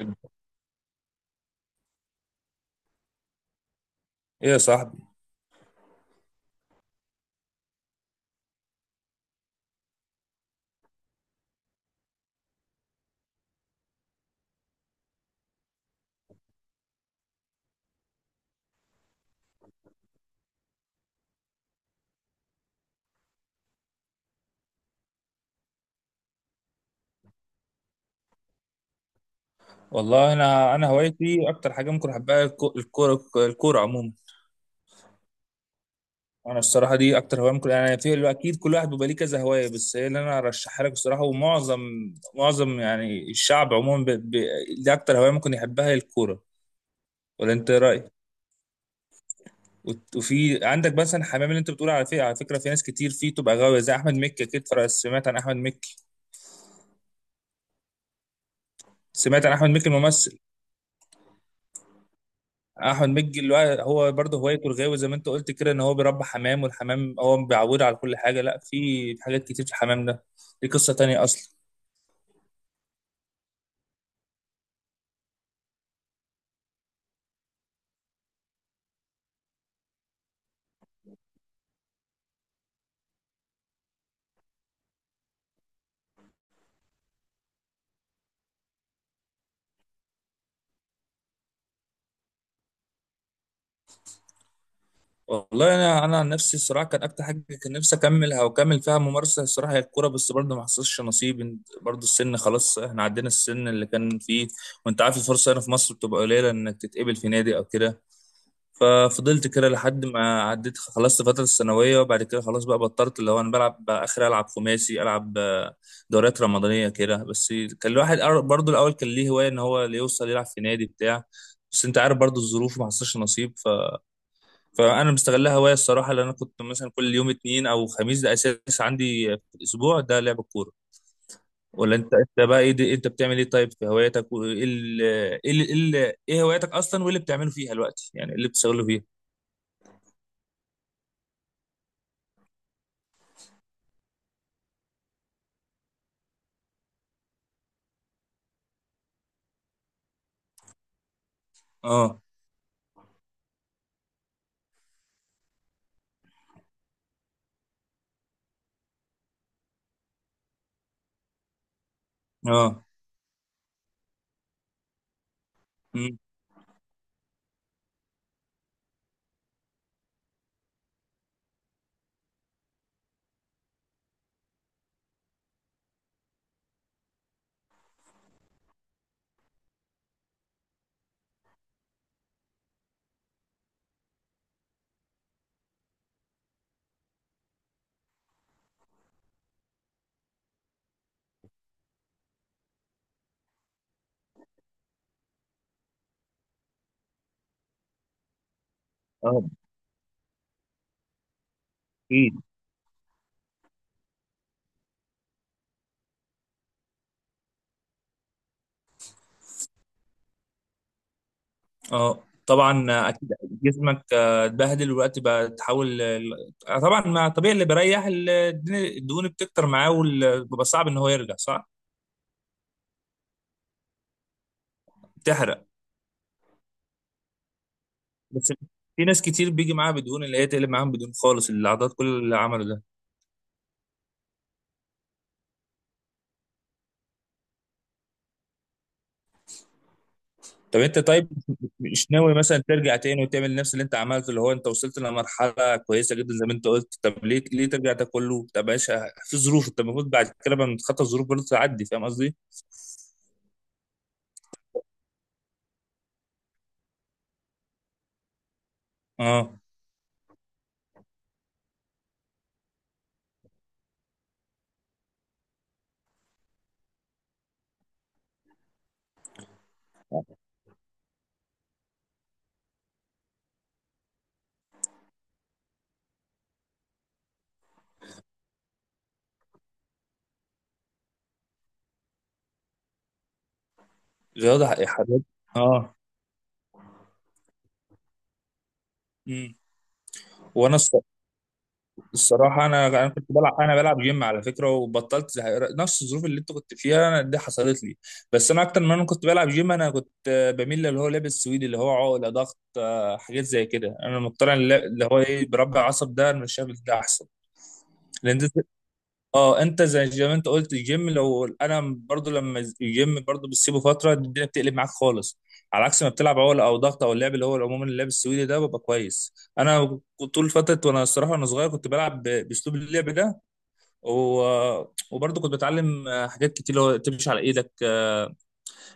ايه يا صاحبي. والله انا هوايتي اكتر حاجه ممكن احبها الكوره عموما. انا الصراحه دي اكتر هوايه ممكن يعني، في اكيد كل واحد بيبقى ليه كذا هوايه، بس هي اللي انا ارشحها لك الصراحه. ومعظم يعني الشعب عموما دي اكتر هوايه ممكن يحبها هي الكوره. ولا انت إيه رايك؟ وفي عندك مثلا حمام اللي انت بتقول، على فكره على فكره في ناس كتير فيه تبقى غاويه زي احمد مكي. اكيد سمعت عن احمد مكي، سمعت عن احمد مكي الممثل؟ احمد مكي اللي هو برضه هوايته الغاوي زي ما انت قلت كده، ان هو بيربى حمام، والحمام هو بيعوده على كل حاجه. لا، في حاجات كتير في الحمام ده، دي قصه تانية اصلا. والله انا عن نفسي الصراحه كان اكتر حاجه كان نفسي اكملها واكمل فيها ممارسه الصراحه هي الكوره، بس برضه ما حصلش نصيب. برضه السن خلاص، احنا عدينا السن اللي كان فيه. وانت عارف الفرصه هنا في مصر بتبقى قليله انك تتقبل في نادي او كده. ففضلت كده لحد ما عديت، خلصت فترة الثانوية وبعد كده خلاص بقى بطلت، اللي هو أنا بلعب بقى آخر، ألعب خماسي، ألعب دوريات رمضانية كده بس. كان الواحد برضه الأول كان ليه هواية إن هو اللي يوصل يلعب في نادي بتاع، بس أنت عارف برضه الظروف ما حصلش نصيب. فأنا مستغلها هواية الصراحة، لأن أنا كنت مثلا كل يوم اتنين أو خميس ده أساس عندي في الأسبوع، ده لعب الكورة. ولا أنت بقى إيه؟ أنت بتعمل إيه طيب في هواياتك؟ وإيه ال... إيه ال... إيه ال- إيه هواياتك أصلا، وإيه اللي بتعمله فيها دلوقتي، يعني إيه اللي بتشتغله فيها؟ اه. اه. مم. اه، اكيد. اه، طبعا اكيد. جسمك اتبهدل، والوقت بقى تحاول طبعا ما طبيعي اللي بيريح الدهون بتكتر معاه وبيبقى صعب ان هو يرجع صح. بتحرق؟ بس في ناس كتير بيجي معاها بدهون، اللي هي تقلب معاهم بدهون خالص العضلات، كل اللي عمله ده. طب انت طيب مش ناوي مثلا ترجع تاني وتعمل نفس اللي انت عملته، اللي هو انت وصلت لمرحله كويسه جدا زي ما انت قلت؟ طب ليه ترجع ده كله؟ طب ماشي، في ظروف، انت المفروض بعد كده لما تتخطى الظروف برضه تعدي. فاهم قصدي؟ اه. رياضة، حاجات. اه. مم. وانا الص- الصراحة انا كنت بلعب، انا بلعب جيم على فكرة، وبطلت نفس الظروف اللي انت كنت فيها انا دي حصلت لي. بس انا اكتر ما انا كنت بلعب جيم، انا كنت بميل للي هو لابس سويدي، اللي هو عقلة ضغط حاجات زي كده. انا مضطر، اللي هو ايه، بربع عصب ده انا مش شايف ده احسن؟ لان اه انت زي ما انت قلت الجيم، لو انا برضو لما الجيم برضو بتسيبه فتره الدنيا بتقلب معاك خالص، على عكس ما بتلعب عقله او ضغط، او اللعب اللي هو عموما اللعب السويدي ده ببقى كويس. انا كنت طول فتره وانا الصراحه وانا صغير كنت بلعب باسلوب اللعب ده. و... وبرضو كنت بتعلم حاجات كتير، اللي هو تمشي على ايدك،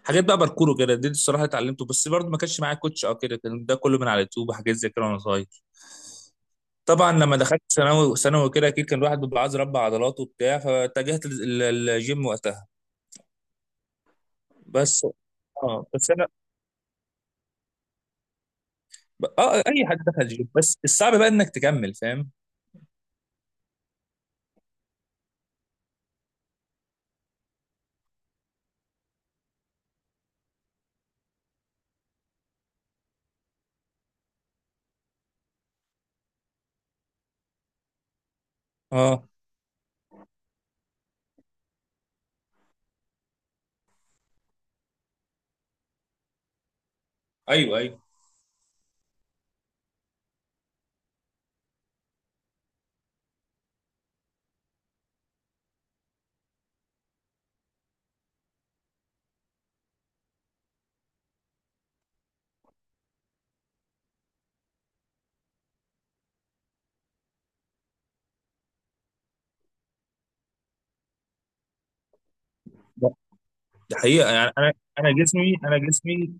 حاجات بقى باركور وكده، دي الصراحه اتعلمته، بس برضو ما كانش معايا كوتش او كده، كان ده كله من على اليوتيوب وحاجات زي كده وانا صغير. طبعا لما دخلت ثانوي، ثانوي كده اكيد كان الواحد بيبقى عايز يربى عضلاته وبتاع، فاتجهت للجيم وقتها. بس. اه بس انا، اي حد دخل جيم، بس الصعب بقى انك تكمل، فاهم؟ اه. ايوه، ايوه. ده حقيقة يعني، انا جسمي انا جسمي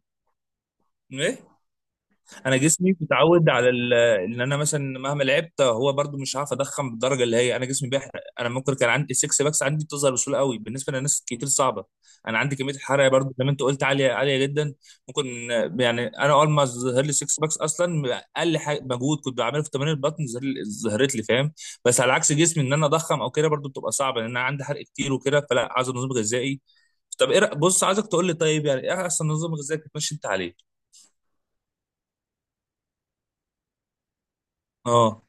انا جسمي متعود على ان انا مثلا مهما لعبت هو برضو مش هعرف اضخم بالدرجه، اللي هي انا جسمي بيحرق. انا ممكن كان عندي 6 باكس عندي بتظهر بسهوله قوي، بالنسبه لناس كتير صعبه. انا عندي كميه الحرق برضو زي ما انت قلت عاليه عاليه جدا. ممكن يعني انا اول ما ظهر لي 6 باكس اصلا، اقل حاجه مجهود كنت بعمله في تمارين البطن ظهرت لي، فاهم؟ بس على عكس جسمي ان انا اضخم او كده برضو بتبقى صعبه، لان انا عندي حرق كتير وكده، فلا عايز نظام غذائي. طب ايه بص عايزك تقول لي، طيب يعني ايه احسن نظام غذائي بتمشي انت عليه؟ اه.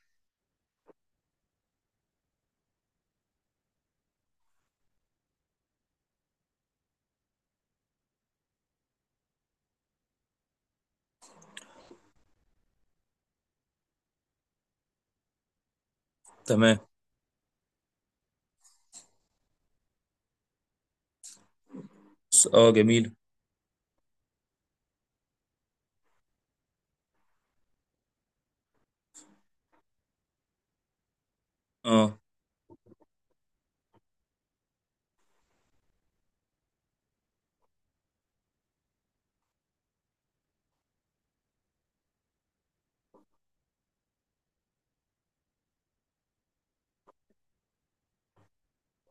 تمام. اه، جميل. اه.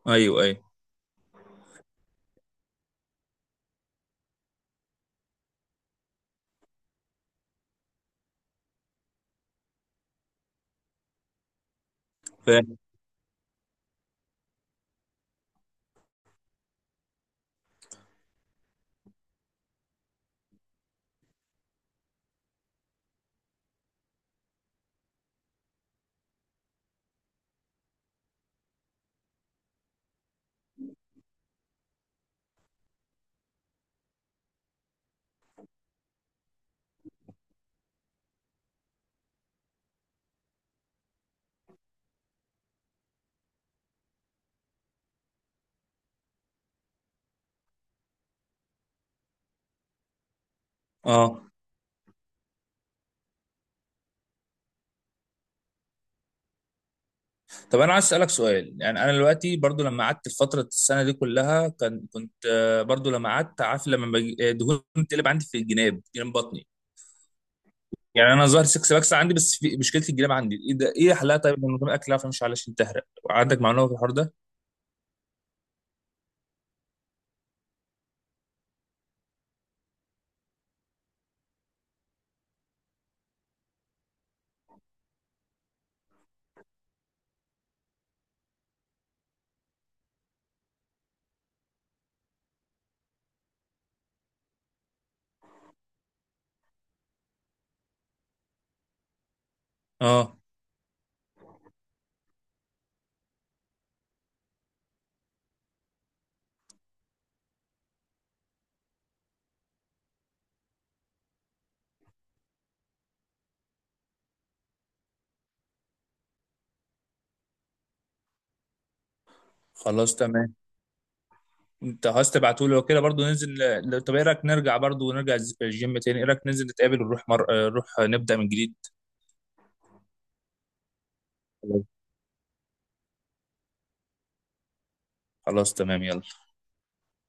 ايوه، ايوه، فاهم. اه. طب انا عايز اسالك سؤال، يعني انا دلوقتي برضو لما قعدت في فتره السنه دي كلها كنت برضو لما قعدت عارف لما دهون تقلب عندي في الجناب، جناب بطني. يعني انا ظاهر سكس باكس عندي، بس في مشكله الجناب عندي، ايه ده؟ ايه حلها طيب من غير اكل، عارفه، مش علشان تهرق؟ عندك معلومه في الحوار ده؟ اه. خلاص، تمام. انت عايز تبعته لي وكده، برضو ننزل طب ايه رايك نرجع برضو، ونرجع الجيم تاني؟ ايه رايك ننزل نتقابل ونروح مر... آه، نروح نبدا من جديد؟ خلاص، تمام، يلا.